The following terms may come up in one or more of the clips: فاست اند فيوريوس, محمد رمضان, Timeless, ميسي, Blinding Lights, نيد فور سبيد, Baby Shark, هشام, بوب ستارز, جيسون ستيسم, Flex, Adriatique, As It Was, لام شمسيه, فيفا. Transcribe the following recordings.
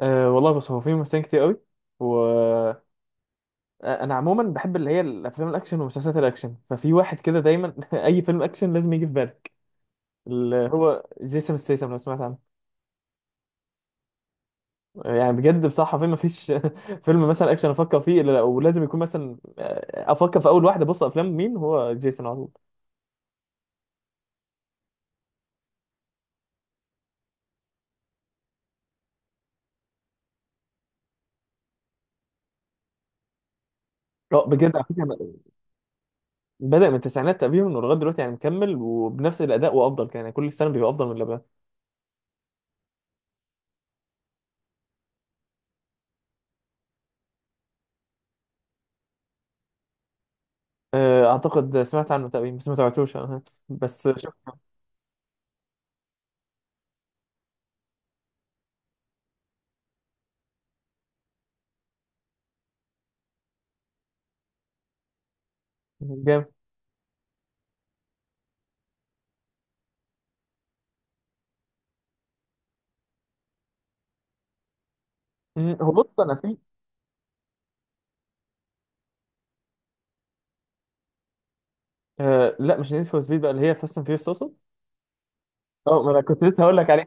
والله، بص، هو في ممثلين كتير قوي. و آه، انا عموما بحب اللي هي الافلام الاكشن ومسلسلات الاكشن. ففي واحد كده دايما اي فيلم اكشن لازم يجي في بالك، اللي هو جيسون ستيسم، لو سمعت عنه. يعني بجد بصراحه في ما فيش فيلم مثلا اكشن افكر فيه الا لا، ولازم يكون مثلا افكر في اول واحده. بص، افلام مين؟ هو جيسون، على طول. لا بجد، على فكره بدا من التسعينات تقريبا ولغايه دلوقتي، يعني مكمل وبنفس الاداء وافضل، كان يعني كل سنه بيبقى افضل من اللي قبلها. اعتقد سمعت عنه تقريبا، بس ما تابعتوش أنا. بس شفت. جامد. مم، هو بص، انا في لا، مش نيد فور سبيد، بقى اللي هي فاست اند فيوريوس تقصد. اه، ما انا كنت لسه هقول لك عليه.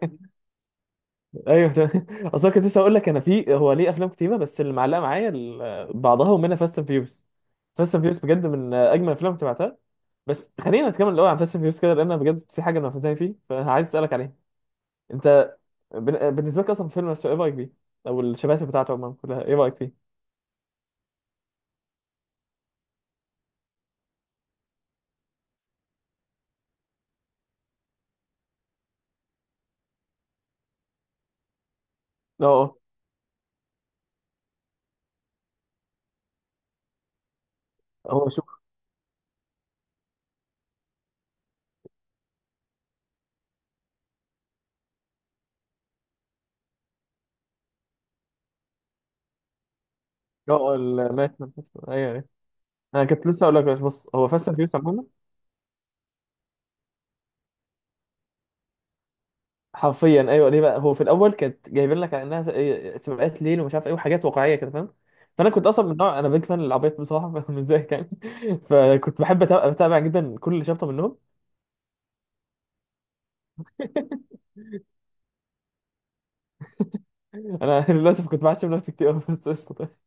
ايوه، تمام، اصلا كنت لسه هقول لك انا في، هو ليه افلام كتيره بس اللي معلقه معايا بعضها، ومنها فاست اند فيوريوس. فاست اند فيوريوس بجد من اجمل الافلام اللي تبعتها. بس خلينا نتكلم الاول عن فاست اند فيوريوس كده، لان أنا بجد في حاجه انا فاهم فيه فعايز اسالك عليها. انت، بالنسبه لك اصلا الفيلم نفسه، ايه رايك بيه؟ او الشباتر بتاعته عموما كلها، ايه رايك فيه؟ اه. اه، هو شوف. اه، المات، ايوه ايوه. انا كنت لسه هقول لك، بص هو فاست اند فيوريوس حرفيا، ايوه. ليه بقى؟ هو في الاول كانت جايبين لك على انها س- إيه، سباقات ليل، ومش عارف ايه، وحاجات واقعيه كده، فاهم؟ فانا كنت اصلا من نوع انا بيج فان للعربيات بصراحه، مش زيك يعني. فكنت بحب اتابع جدا كل شابتر منهم. انا للاسف كنت بعشم نفسي كتير أوي، بس قشطه.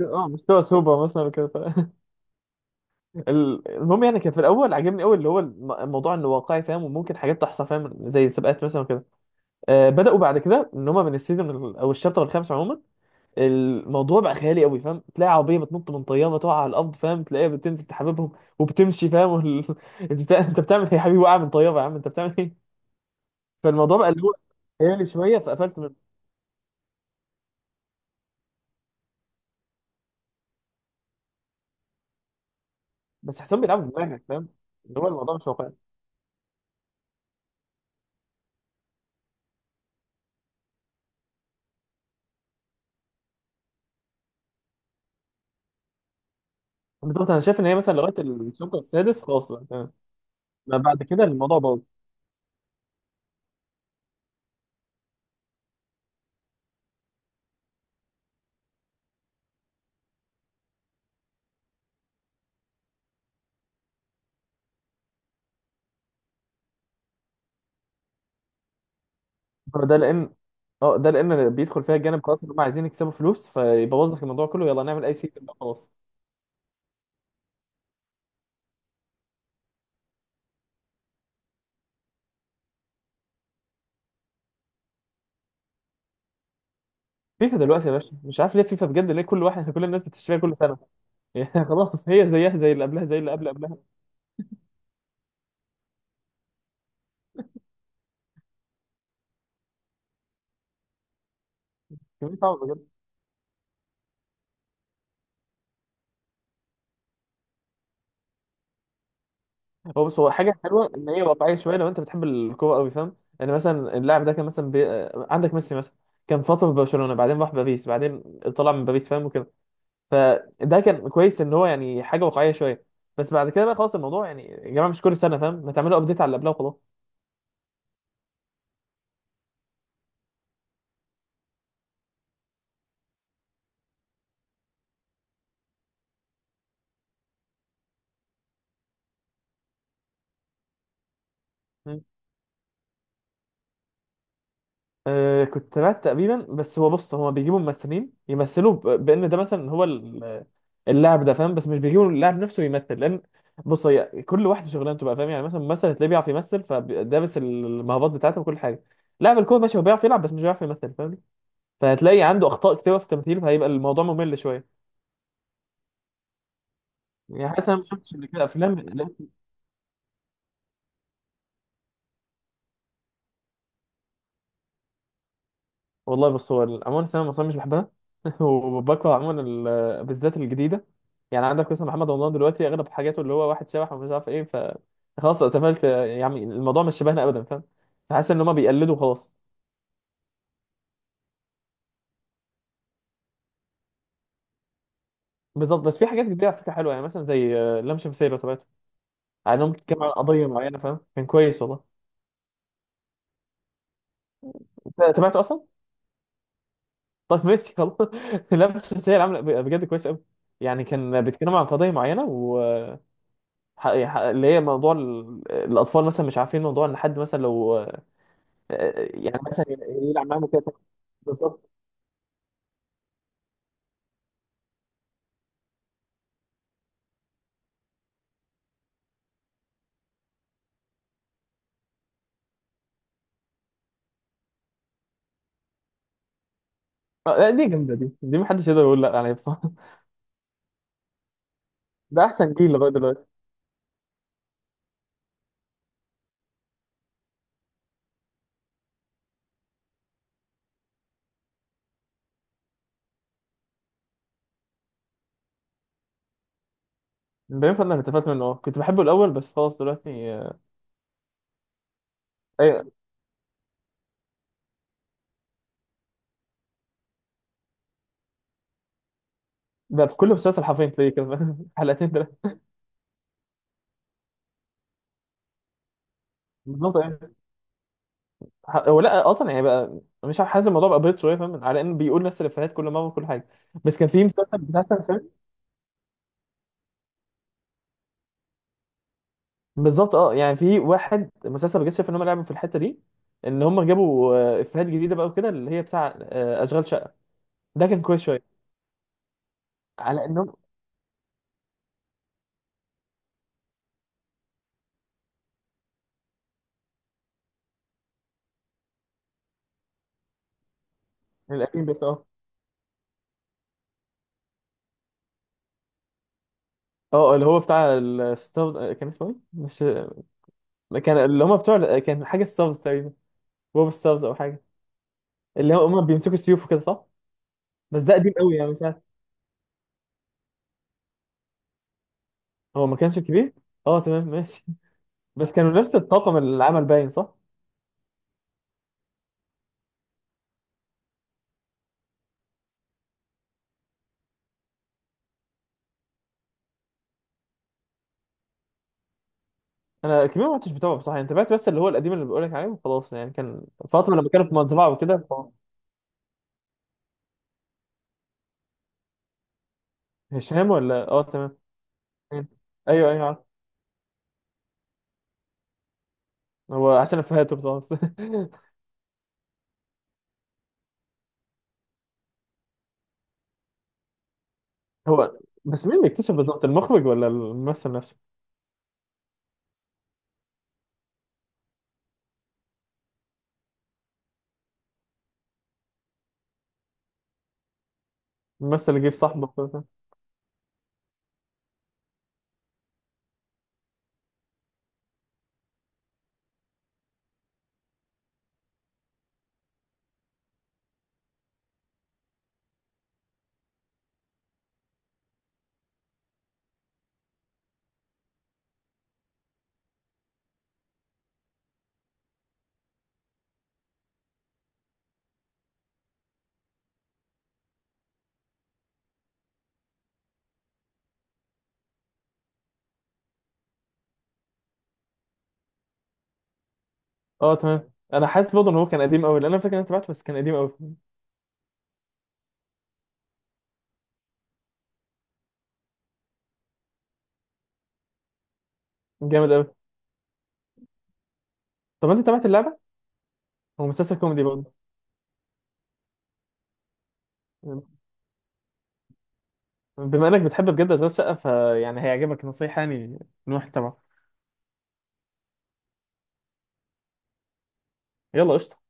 اه، مستوى سوبر مثلا كده، ف... المهم، يعني كان في الاول عجبني قوي اللي هو الموضوع انه واقعي، فاهم؟ وممكن حاجات تحصل، فاهم؟ زي السباقات مثلا وكده. آه، بداوا بعد كده ان هم من السيزون او الشابتر الخامس عموما، الموضوع بقى خيالي قوي، فاهم؟ تلاقي عربيه بتنط من طياره تقع على الارض، فاهم؟ تلاقيها بتنزل تحببهم وبتمشي، فاهم؟ وال... انت بتاع... انت بتعمل ايه يا حبيبي؟ وقع من طياره؟ يا عم انت بتعمل ايه؟ فالموضوع بقى اللي هو خيالي شويه فقفلت منه. بس حسهم بيلعبوا بدماغك، فاهم؟ اللي هو الموضوع مش واقعي. بالظبط. انا شايف ان هي مثلا لغايه الشوط السادس خلاص بقى تمام، ما بعد كده الموضوع باظ. ده لان اه، ده لان بيدخل فيها الجانب، خلاص ان هم عايزين يكسبوا فلوس فيبوظ لك الموضوع كله، يلا نعمل اي سيستم بقى خلاص. فيفا دلوقتي يا باشا، مش عارف ليه فيفا بجد، ليه كل واحد، كل الناس بتشتريها كل سنه؟ يعني خلاص، هي زيها زي اللي قبلها زي اللي قبل قبلها. كمية صعبة بجد. هو بص، هو حاجة حلوة إن هي واقعية شوية لو أنت بتحب الكورة أوي، فاهم؟ يعني مثلا اللاعب ده كان مثلا بي... آه، عندك ميسي مثلا، كان فترة في برشلونة، بعدين راح باريس، بعدين طلع من باريس، فاهم؟ وكده. فده كان كويس إن هو يعني حاجة واقعية شوية. بس بعد كده بقى خلاص الموضوع، يعني يا جماعة مش كل سنة فاهم، ما تعملوا أبديت على اللي قبلها وخلاص. مم. أه، كنت بعت تقريبا، بس هو بص، هو بيجيبوا ممثلين يمثلوا بان ده مثلا، هو اللاعب ده، فاهم؟ بس مش بيجيبوا اللاعب نفسه يمثل، لان بص، هي كل واحد شغلانته بقى، فاهم؟ يعني مثلا ممثل هتلاقيه بيعرف يمثل، فدابس المهارات بتاعته وكل حاجه. لاعب الكوره ماشي، هو بيعرف يلعب بس مش بيعرف يمثل، فاهم؟ فهتلاقي عنده اخطاء كتيره في التمثيل، فهيبقى الموضوع ممل شويه. يعني حاسس، انا ما شفتش ان كده افلام لا. والله بص، هو عموما السينما المصريه مش بحبها وبكره عموما بالذات الجديده. يعني عندك مثلا محمد رمضان دلوقتي، اغلب حاجاته اللي هو واحد شبح، ومش عارف ايه، ف خلاص اتقفلت، يعني الموضوع مش شبهنا ابدا، فاهم؟ فحاسس ان هما بيقلدوا خلاص. بالظبط. بس في حاجات جديده على فكره حلوه، يعني مثلا زي لام شمسيه، لو تابعته. على انهم بتتكلم عن قضيه معينه، فاهم؟ كان كويس والله. أنت تابعته اصلا؟ طب ماشي، خلاص. لام شمسيه عامله بجد كويس قوي، يعني كان بيتكلم عن قضيه معينه، و اللي هي موضوع الاطفال مثلا، مش عارفين موضوع ان حد مثلا لو يعني مثلا يلعب معاهم كده. بالظبط. لا، دي جامده، دي محدش يقدر يقول لا عليها بصراحه. ده احسن جيل لغايه دلوقتي. بينفع؟ انا اتفقت منه، كنت بحبه الاول، بس خلاص دلوقتي. آه، بقى في كل مسلسل حرفيا تلاقيه كده، حلقتين ثلاثه. بالظبط. يعني هو لا اصلا، يعني بقى مش عارف، حاسس الموضوع بقى بريد شويه، فاهم؟ على ان بيقول نفس الافيهات كل مره وكل حاجه. بس كان في مسلسل بتاع سنة فاتت، بالظبط اه، يعني في واحد مسلسل بجد شايف ان هم لعبوا في الحته دي، ان هم جابوا افيهات جديده بقى، وكده، اللي هي بتاع اشغال شقه. ده كان كويس شويه. على انهم. القديم، بس اه. اه، اللي هو بتاع الستارز، كان اسمه ايه؟ مش، كان اللي هم بتوع، كان حاجه ستارز تقريبا، بوب ستارز او حاجه، اللي هم بيمسكوا السيوف وكده، صح؟ بس ده قديم قوي، يعني مش عارف. هو ما كانش كبير. اه تمام ماشي. بس كانوا نفس الطاقم العمل باين، صح؟ انا الكبير ما كنتش بتابعه بصراحه، يعني تابعت بس اللي هو القديم اللي بقول لك عليه وخلاص، يعني كان فتره لما كانوا في مزرعه وكده، ف-. هشام، ولا اه، تمام. ايوه ايوه، عارف. هو عشان افهاته بصراحه. هو، بس مين اللي اكتشف بالظبط؟ المخرج ولا الممثل نفسه؟ الممثل اللي جه صاحبه وكده. اه تمام، انا حاسس برضه ان هو كان قديم قوي، لان انا فاكر ان انا تابعته بس كان قديم قوي. جامد قوي. طب انت تابعت اللعبه؟ هو مسلسل كوميدي برضه. بما انك بتحب بجد اشغال شقه، فيعني هيعجبك، نصيحه يعني من واحد تبعه. يلا، قشطه.